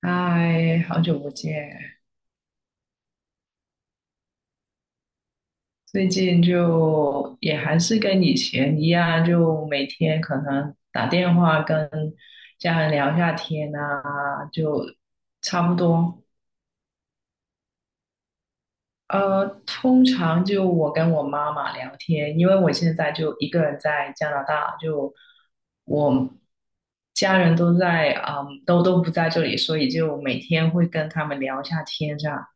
嗨，好久不见！最近就也还是跟以前一样，就每天可能打电话跟家人聊一下天啊，就差不多。通常就我跟我妈妈聊天，因为我现在就一个人在加拿大，就我家人都在，嗯，都不在这里，所以就每天会跟他们聊一下天这样。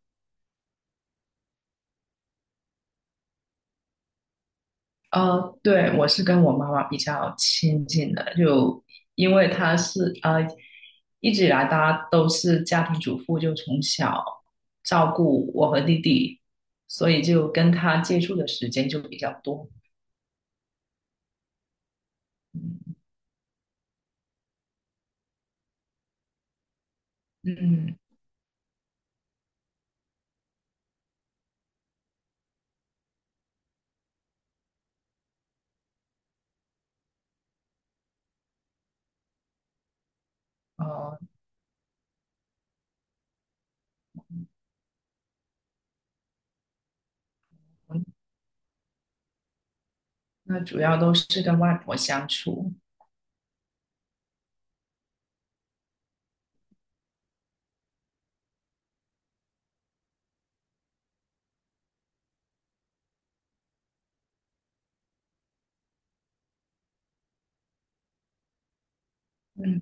对，我是跟我妈妈比较亲近的，就因为她是一直以来大家都是家庭主妇，就从小照顾我和弟弟，所以就跟他接触的时间就比较多。嗯嗯，呃，那主要都是跟外婆相处。嗯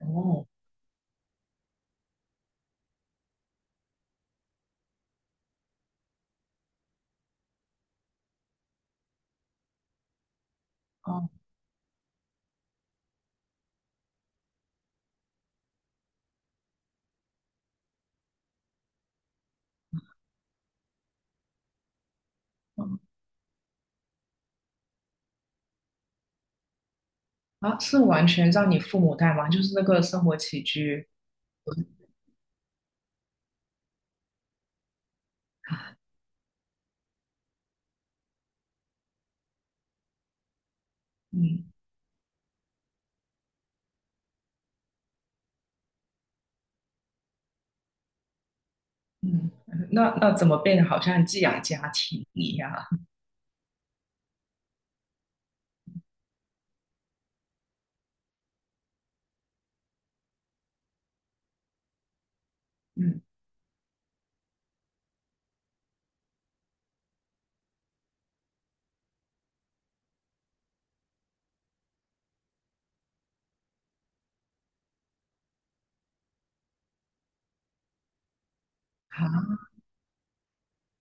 哦，哦，嗯啊，是完全让你父母带吗？就是那个生活起居。嗯嗯，那怎么变得好像寄养家庭一样啊？嗯，好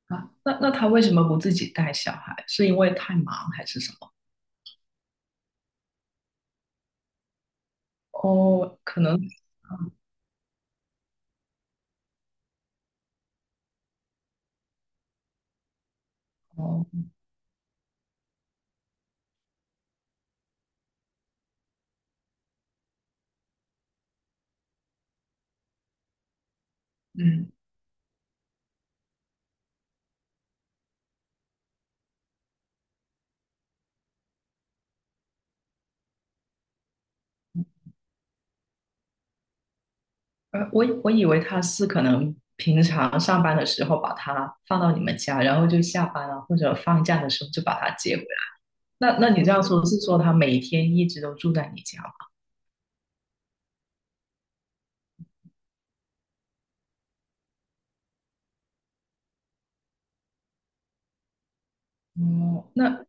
啊，那他为什么不自己带小孩？是因为太忙还是什么？哦，可能哦，嗯，我以为他是可能平常上班的时候把他放到你们家，然后就下班了或者放假的时候就把他接回来。那你这样说是说他每天一直都住在你家吗？哦，那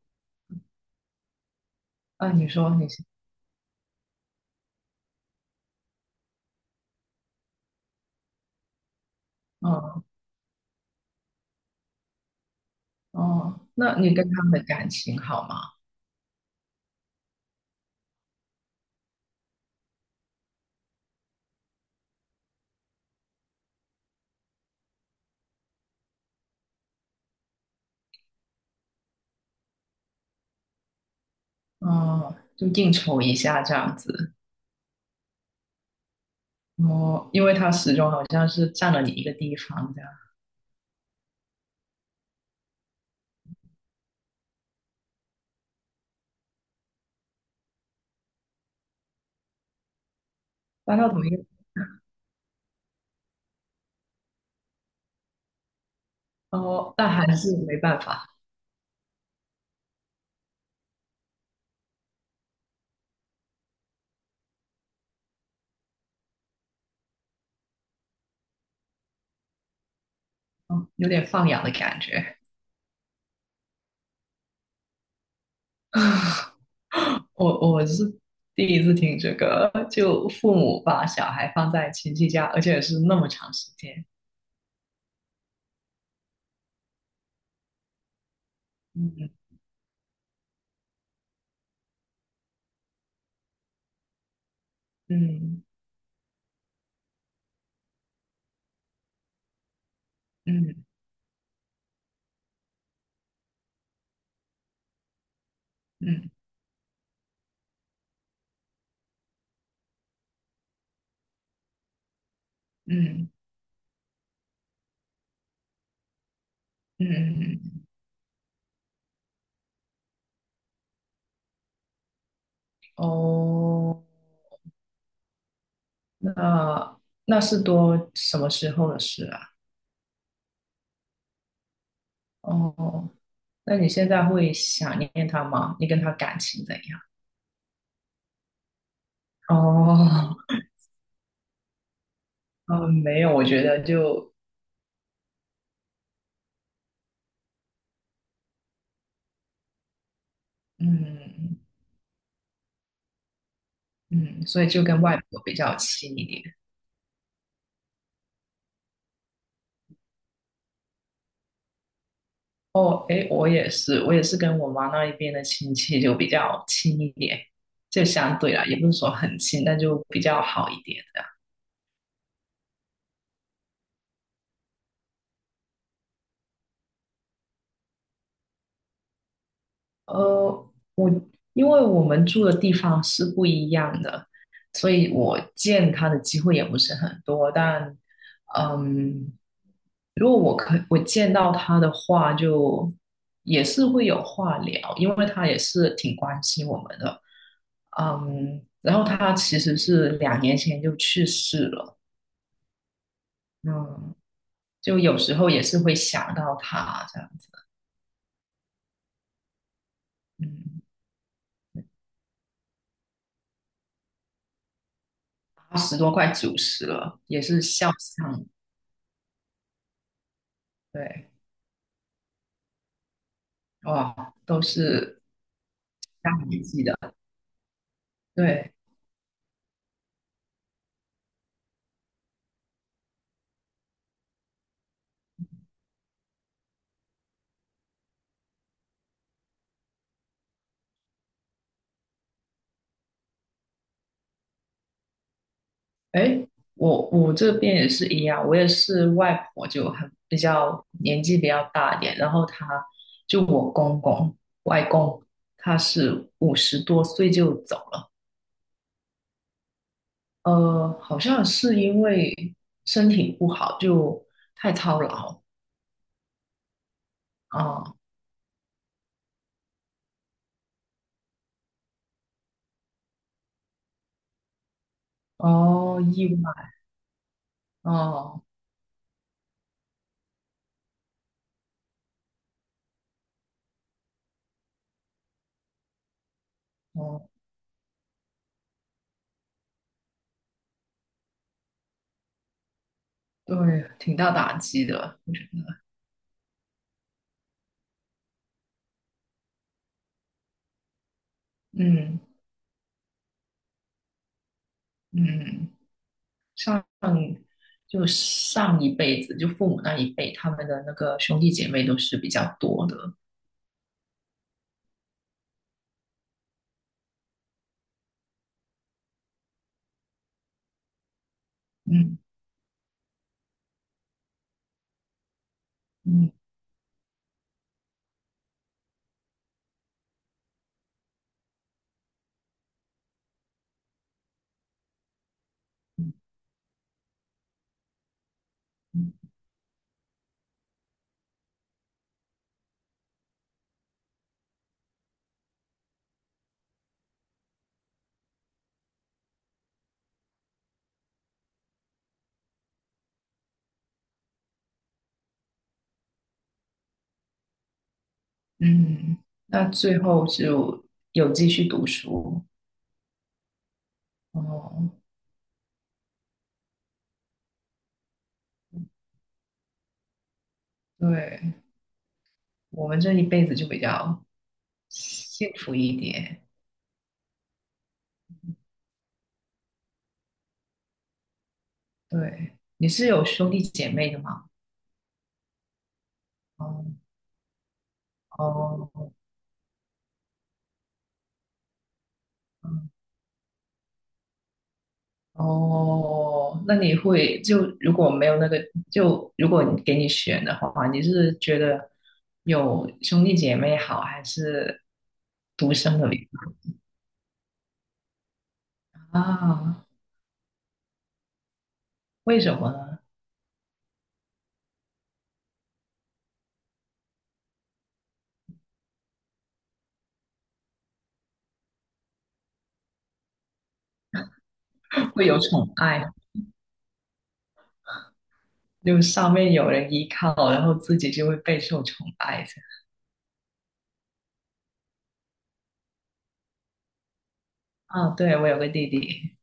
啊，你说你是，哦哦，那你跟他们的感情好吗？哦，就应酬一下这样子。哦，因为他始终好像是占了你一个地方这样，搬到同一个哦，但还是没办法，哦，有点放养的感觉。我是第一次听这个，就父母把小孩放在亲戚家，而且是那么长时间。嗯嗯嗯嗯嗯嗯嗯。哦，那那是多什么时候的事啊？哦那你现在会想念他吗？你跟他感情怎样？哦，嗯，没有，我觉得就嗯嗯，所以就跟外婆比较亲一点。哦，诶，我也是，我也是跟我妈那一边的亲戚就比较亲一点，就相对啦，也不是说很亲，但就比较好一点。我因为我们住的地方是不一样的，所以我见他的机会也不是很多。但，嗯，如果我见到他的话，就也是会有话聊，因为他也是挺关心我们的。嗯，然后他其实是2年前就去世了，嗯，就有时候也是会想到他这样子，嗯，80多快90了，也是孝丧，对。哇，都是大年纪的。对，哎，我这边也是一样，我也是外婆就很比较年纪比较大一点，然后她就我公公外公，他是50多岁就走了，好像是因为身体不好，就太操劳啊，哦，意外，哦哦，对，挺大打击的，我觉得，嗯嗯。上就上一辈子，就父母那一辈，他们的那个兄弟姐妹都是比较多的。嗯嗯嗯嗯，那最后就有继续读书。哦，对，我们这一辈子就比较幸福一点。对，你是有兄弟姐妹的吗？哦哦。哦，那你会就如果没有那个，就如果你给你选的话，你是觉得有兄弟姐妹好，还是独生的比较啊？为什么呢？会有宠爱，就上面有人依靠，然后自己就会备受宠爱这样。啊，对，我有个弟弟。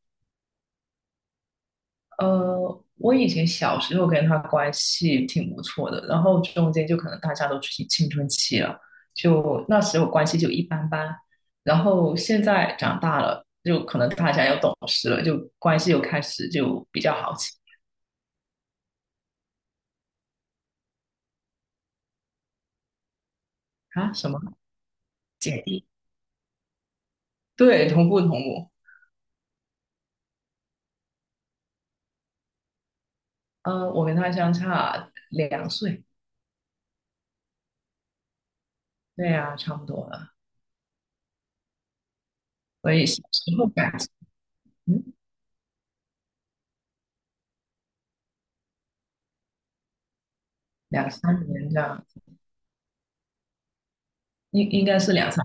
我以前小时候跟他关系挺不错的，然后中间就可能大家都青春期了，就那时候关系就一般般。然后现在长大了，就可能大家又懂事了，就关系又开始就比较好起啊，什么姐弟？对，同父同母。我跟他相差2岁，对呀、差不多了。所以小时候感情，嗯，两三年这样，应该是两三。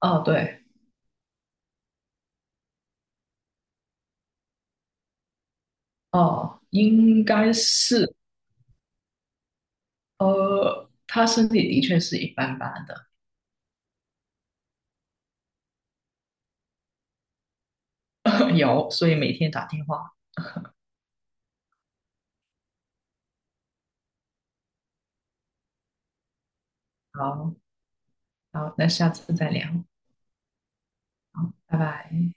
哦，对，哦，应该是。他身体的确是一般般的，有，所以每天打电话。好，好，那下次再聊，好，拜拜。